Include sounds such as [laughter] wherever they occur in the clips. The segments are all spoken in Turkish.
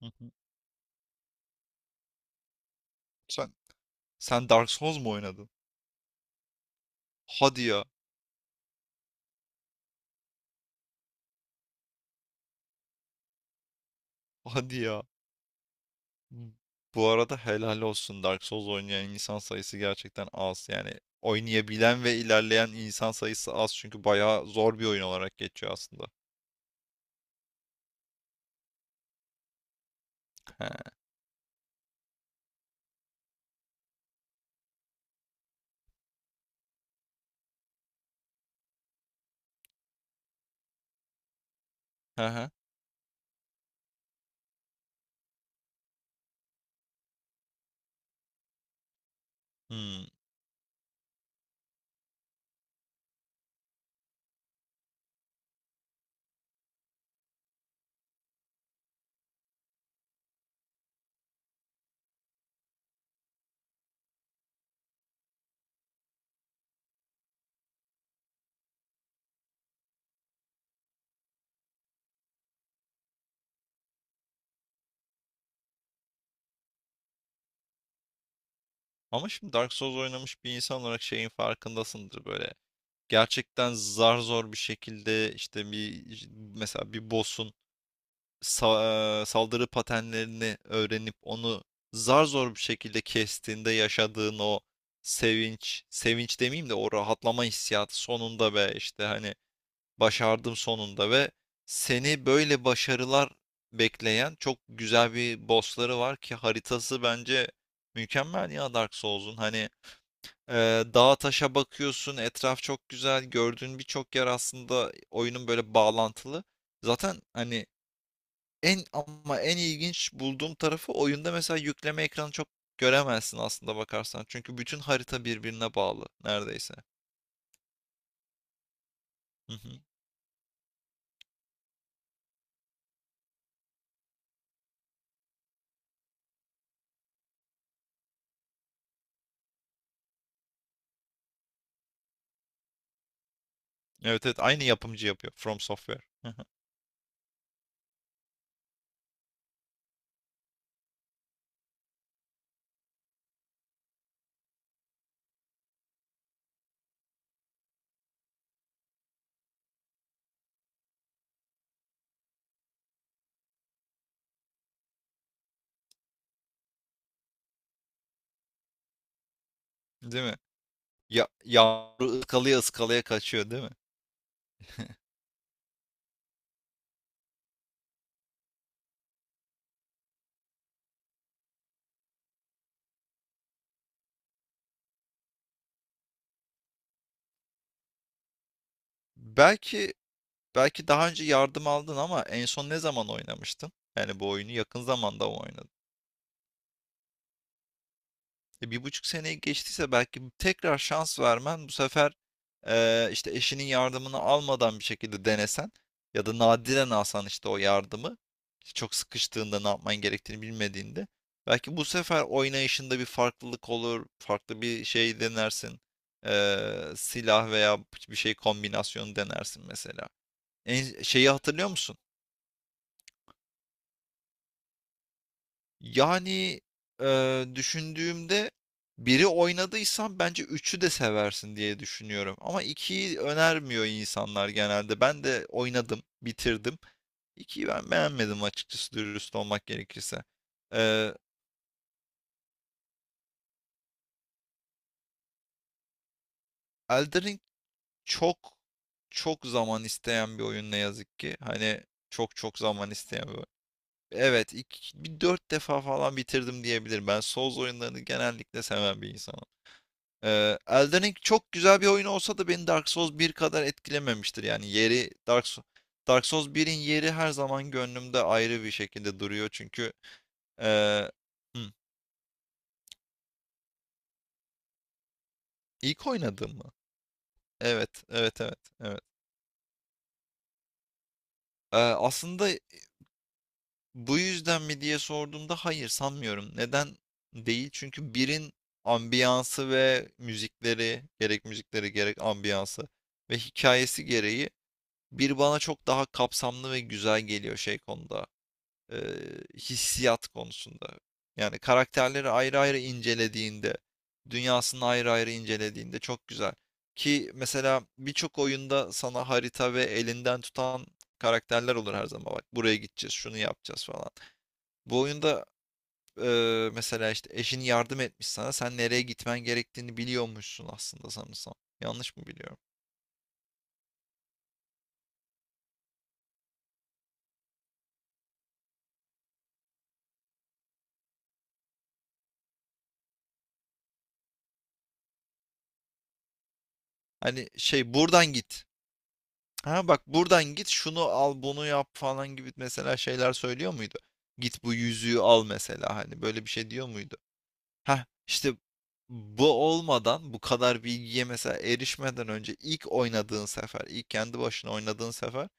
Hı hı. Sen sen Dark Souls mu oynadın? Hadi ya, hadi ya. Hmm. Bu arada helal olsun Dark Souls oynayan insan sayısı gerçekten az. Yani oynayabilen ve ilerleyen insan sayısı az, çünkü bayağı zor bir oyun olarak geçiyor aslında. He, he, he. Hmm. Ama şimdi Dark Souls oynamış bir insan olarak şeyin farkındasındır böyle. Gerçekten zar zor bir şekilde işte bir, mesela bir boss'un saldırı patenlerini öğrenip onu zar zor bir şekilde kestiğinde yaşadığın o sevinç, sevinç demeyeyim de o rahatlama hissiyatı sonunda ve işte hani başardım sonunda, ve seni böyle başarılar bekleyen çok güzel bir bossları var ki haritası bence mükemmel ya Dark Souls'un. Hani e, dağa taşa bakıyorsun, etraf çok güzel, gördüğün birçok yer aslında oyunun böyle bağlantılı. Zaten hani en ama en ilginç bulduğum tarafı oyunda mesela yükleme ekranı çok göremezsin aslında bakarsan. Çünkü bütün harita birbirine bağlı neredeyse. Hı hı. Evet, evet, aynı yapımcı yapıyor, From Software. Hı hı. Değil mi? Ya yavru ıskalaya ıskalaya kaçıyor değil mi? Belki belki daha önce yardım aldın, ama en son ne zaman oynamıştın? Yani bu oyunu yakın zamanda mı oynadın? E, bir buçuk seneyi geçtiyse belki tekrar şans vermen bu sefer, işte eşinin yardımını almadan bir şekilde denesen, ya da nadiren alsan işte o yardımı, işte çok sıkıştığında ne yapman gerektiğini bilmediğinde, belki bu sefer oynayışında bir farklılık olur, farklı bir şey denersin. Silah veya bir şey kombinasyonu denersin mesela. En, şeyi hatırlıyor musun? Yani, düşündüğümde, biri oynadıysan bence üçü de seversin diye düşünüyorum, ama ikiyi önermiyor insanlar genelde. Ben de oynadım, bitirdim. 2'yi ben beğenmedim açıkçası, dürüst olmak gerekirse. Eee, Elden Ring çok, çok zaman isteyen bir oyun ne yazık ki. Hani çok çok zaman isteyen bir oyun. Evet, ilk bir 4 defa falan bitirdim diyebilirim. Ben Souls oyunlarını genellikle seven bir insanım. Elden Ring çok güzel bir oyun olsa da beni Dark Souls bir kadar etkilememiştir. Yani yeri Dark Souls 1'in yeri her zaman gönlümde ayrı bir şekilde duruyor. Çünkü ee, hı, ilk oynadığım mı? Evet, evet, evet, evet. Aslında bu yüzden mi diye sorduğumda hayır, sanmıyorum. Neden değil? Çünkü birin ambiyansı ve müzikleri, gerek müzikleri gerek ambiyansı ve hikayesi gereği bir bana çok daha kapsamlı ve güzel geliyor şey konuda, e, hissiyat konusunda. Yani karakterleri ayrı ayrı incelediğinde, dünyasını ayrı ayrı incelediğinde çok güzel. Ki mesela birçok oyunda sana harita ve elinden tutan karakterler olur her zaman. Bak buraya gideceğiz, şunu yapacağız falan. Bu oyunda mesela işte eşin yardım etmiş sana. Sen nereye gitmen gerektiğini biliyormuşsun aslında sanırsam. Yanlış mı biliyorum? Hani şey buradan git. Ha bak buradan git, şunu al bunu yap falan gibi mesela şeyler söylüyor muydu? Git bu yüzüğü al mesela, hani böyle bir şey diyor muydu? Ha işte bu olmadan, bu kadar bilgiye mesela erişmeden önce, ilk oynadığın sefer, ilk kendi başına oynadığın sefer,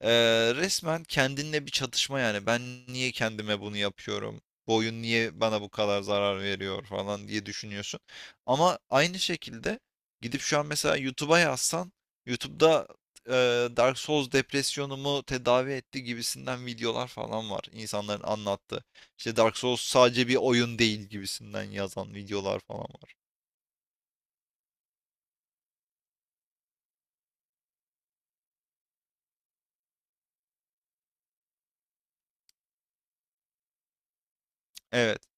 resmen kendinle bir çatışma yani. Ben niye kendime bunu yapıyorum? Bu oyun niye bana bu kadar zarar veriyor falan diye düşünüyorsun. Ama aynı şekilde gidip şu an mesela YouTube'a yazsan, YouTube'da e, Dark Souls depresyonumu tedavi etti gibisinden videolar falan var. İnsanların anlattığı. İşte Dark Souls sadece bir oyun değil gibisinden yazan videolar falan var. Evet.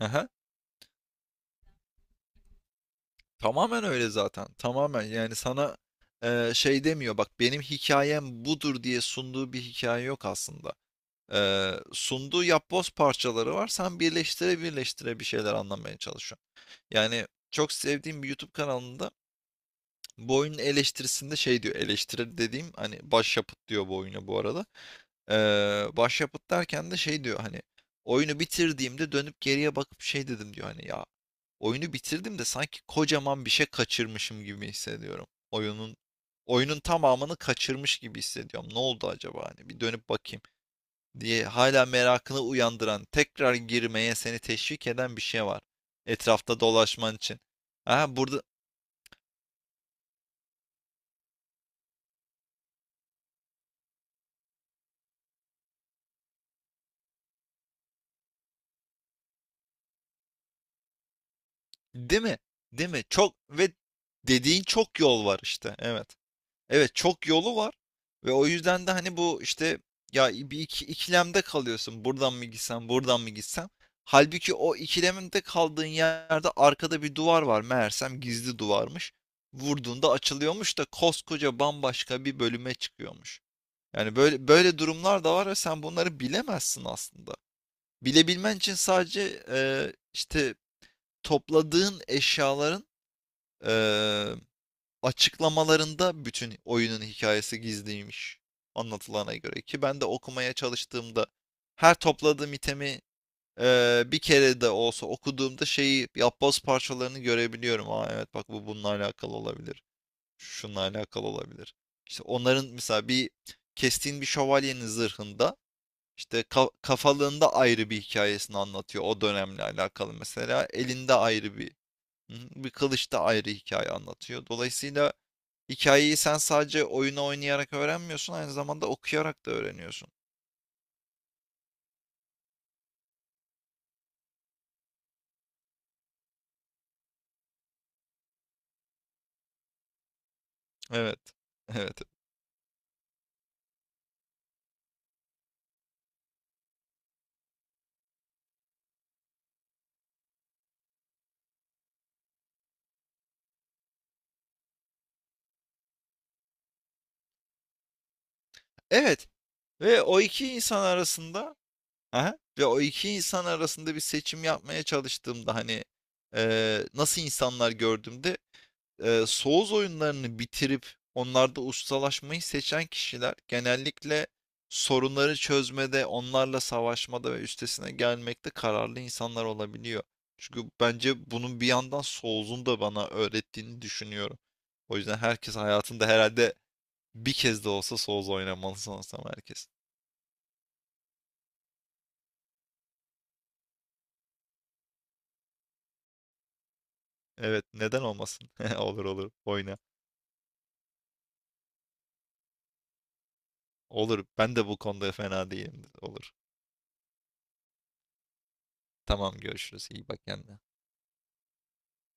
Aha. Tamamen öyle zaten. Tamamen yani sana şey demiyor bak, benim hikayem budur diye sunduğu bir hikaye yok aslında. Sunduğu yapboz parçaları var. Sen birleştire birleştire bir şeyler anlamaya çalışıyorsun. Yani çok sevdiğim bir YouTube kanalında bu oyunun eleştirisinde şey diyor. Eleştirir dediğim, hani başyapıt diyor bu oyuna bu arada. Başyapıt derken de şey diyor hani, oyunu bitirdiğimde dönüp geriye bakıp şey dedim diyor hani, ya oyunu bitirdim de sanki kocaman bir şey kaçırmışım gibi hissediyorum. Oyunun tamamını kaçırmış gibi hissediyorum. Ne oldu acaba, hani bir dönüp bakayım diye hala merakını uyandıran, tekrar girmeye seni teşvik eden bir şey var. Etrafta dolaşman için. Ha burada, değil mi? Değil mi? Çok, ve dediğin çok yol var işte. Evet. Evet, çok yolu var, ve o yüzden de hani bu işte, ya bir iki, ikilemde kalıyorsun. Buradan mı gitsem, buradan mı gitsem? Halbuki o ikilemde kaldığın yerde arkada bir duvar var. Meğersem gizli duvarmış. Vurduğunda açılıyormuş da koskoca bambaşka bir bölüme çıkıyormuş. Yani böyle böyle durumlar da var ve sen bunları bilemezsin aslında. Bilebilmen için sadece işte topladığın eşyaların e, açıklamalarında bütün oyunun hikayesi gizliymiş, anlatılana göre, ki ben de okumaya çalıştığımda her topladığım itemi bir kere de olsa okuduğumda şeyi, yapboz parçalarını görebiliyorum. Aa evet, bak bu bununla alakalı olabilir. Şununla alakalı olabilir. İşte onların mesela bir, kestiğin bir şövalyenin zırhında işte kafalığında ayrı bir hikayesini anlatıyor o dönemle alakalı, mesela elinde ayrı bir kılıçta ayrı hikaye anlatıyor. Dolayısıyla hikayeyi sen sadece oyunu oynayarak öğrenmiyorsun, aynı zamanda okuyarak da öğreniyorsun. Evet. [laughs] Evet. Evet, ve o iki insan arasında aha, ve o iki insan arasında bir seçim yapmaya çalıştığımda hani nasıl insanlar gördüğümde, Souls oyunlarını bitirip onlarda ustalaşmayı seçen kişiler genellikle sorunları çözmede, onlarla savaşmada ve üstesine gelmekte kararlı insanlar olabiliyor. Çünkü bence bunun bir yandan Souls'un da bana öğrettiğini düşünüyorum. O yüzden herkes hayatında herhalde bir kez de olsa Souls oynamalı sanırsam, herkes. Evet, neden olmasın? [laughs] Olur olur, oyna. Olur. Ben de bu konuda fena değilim. Olur. Tamam, görüşürüz. İyi bak kendine.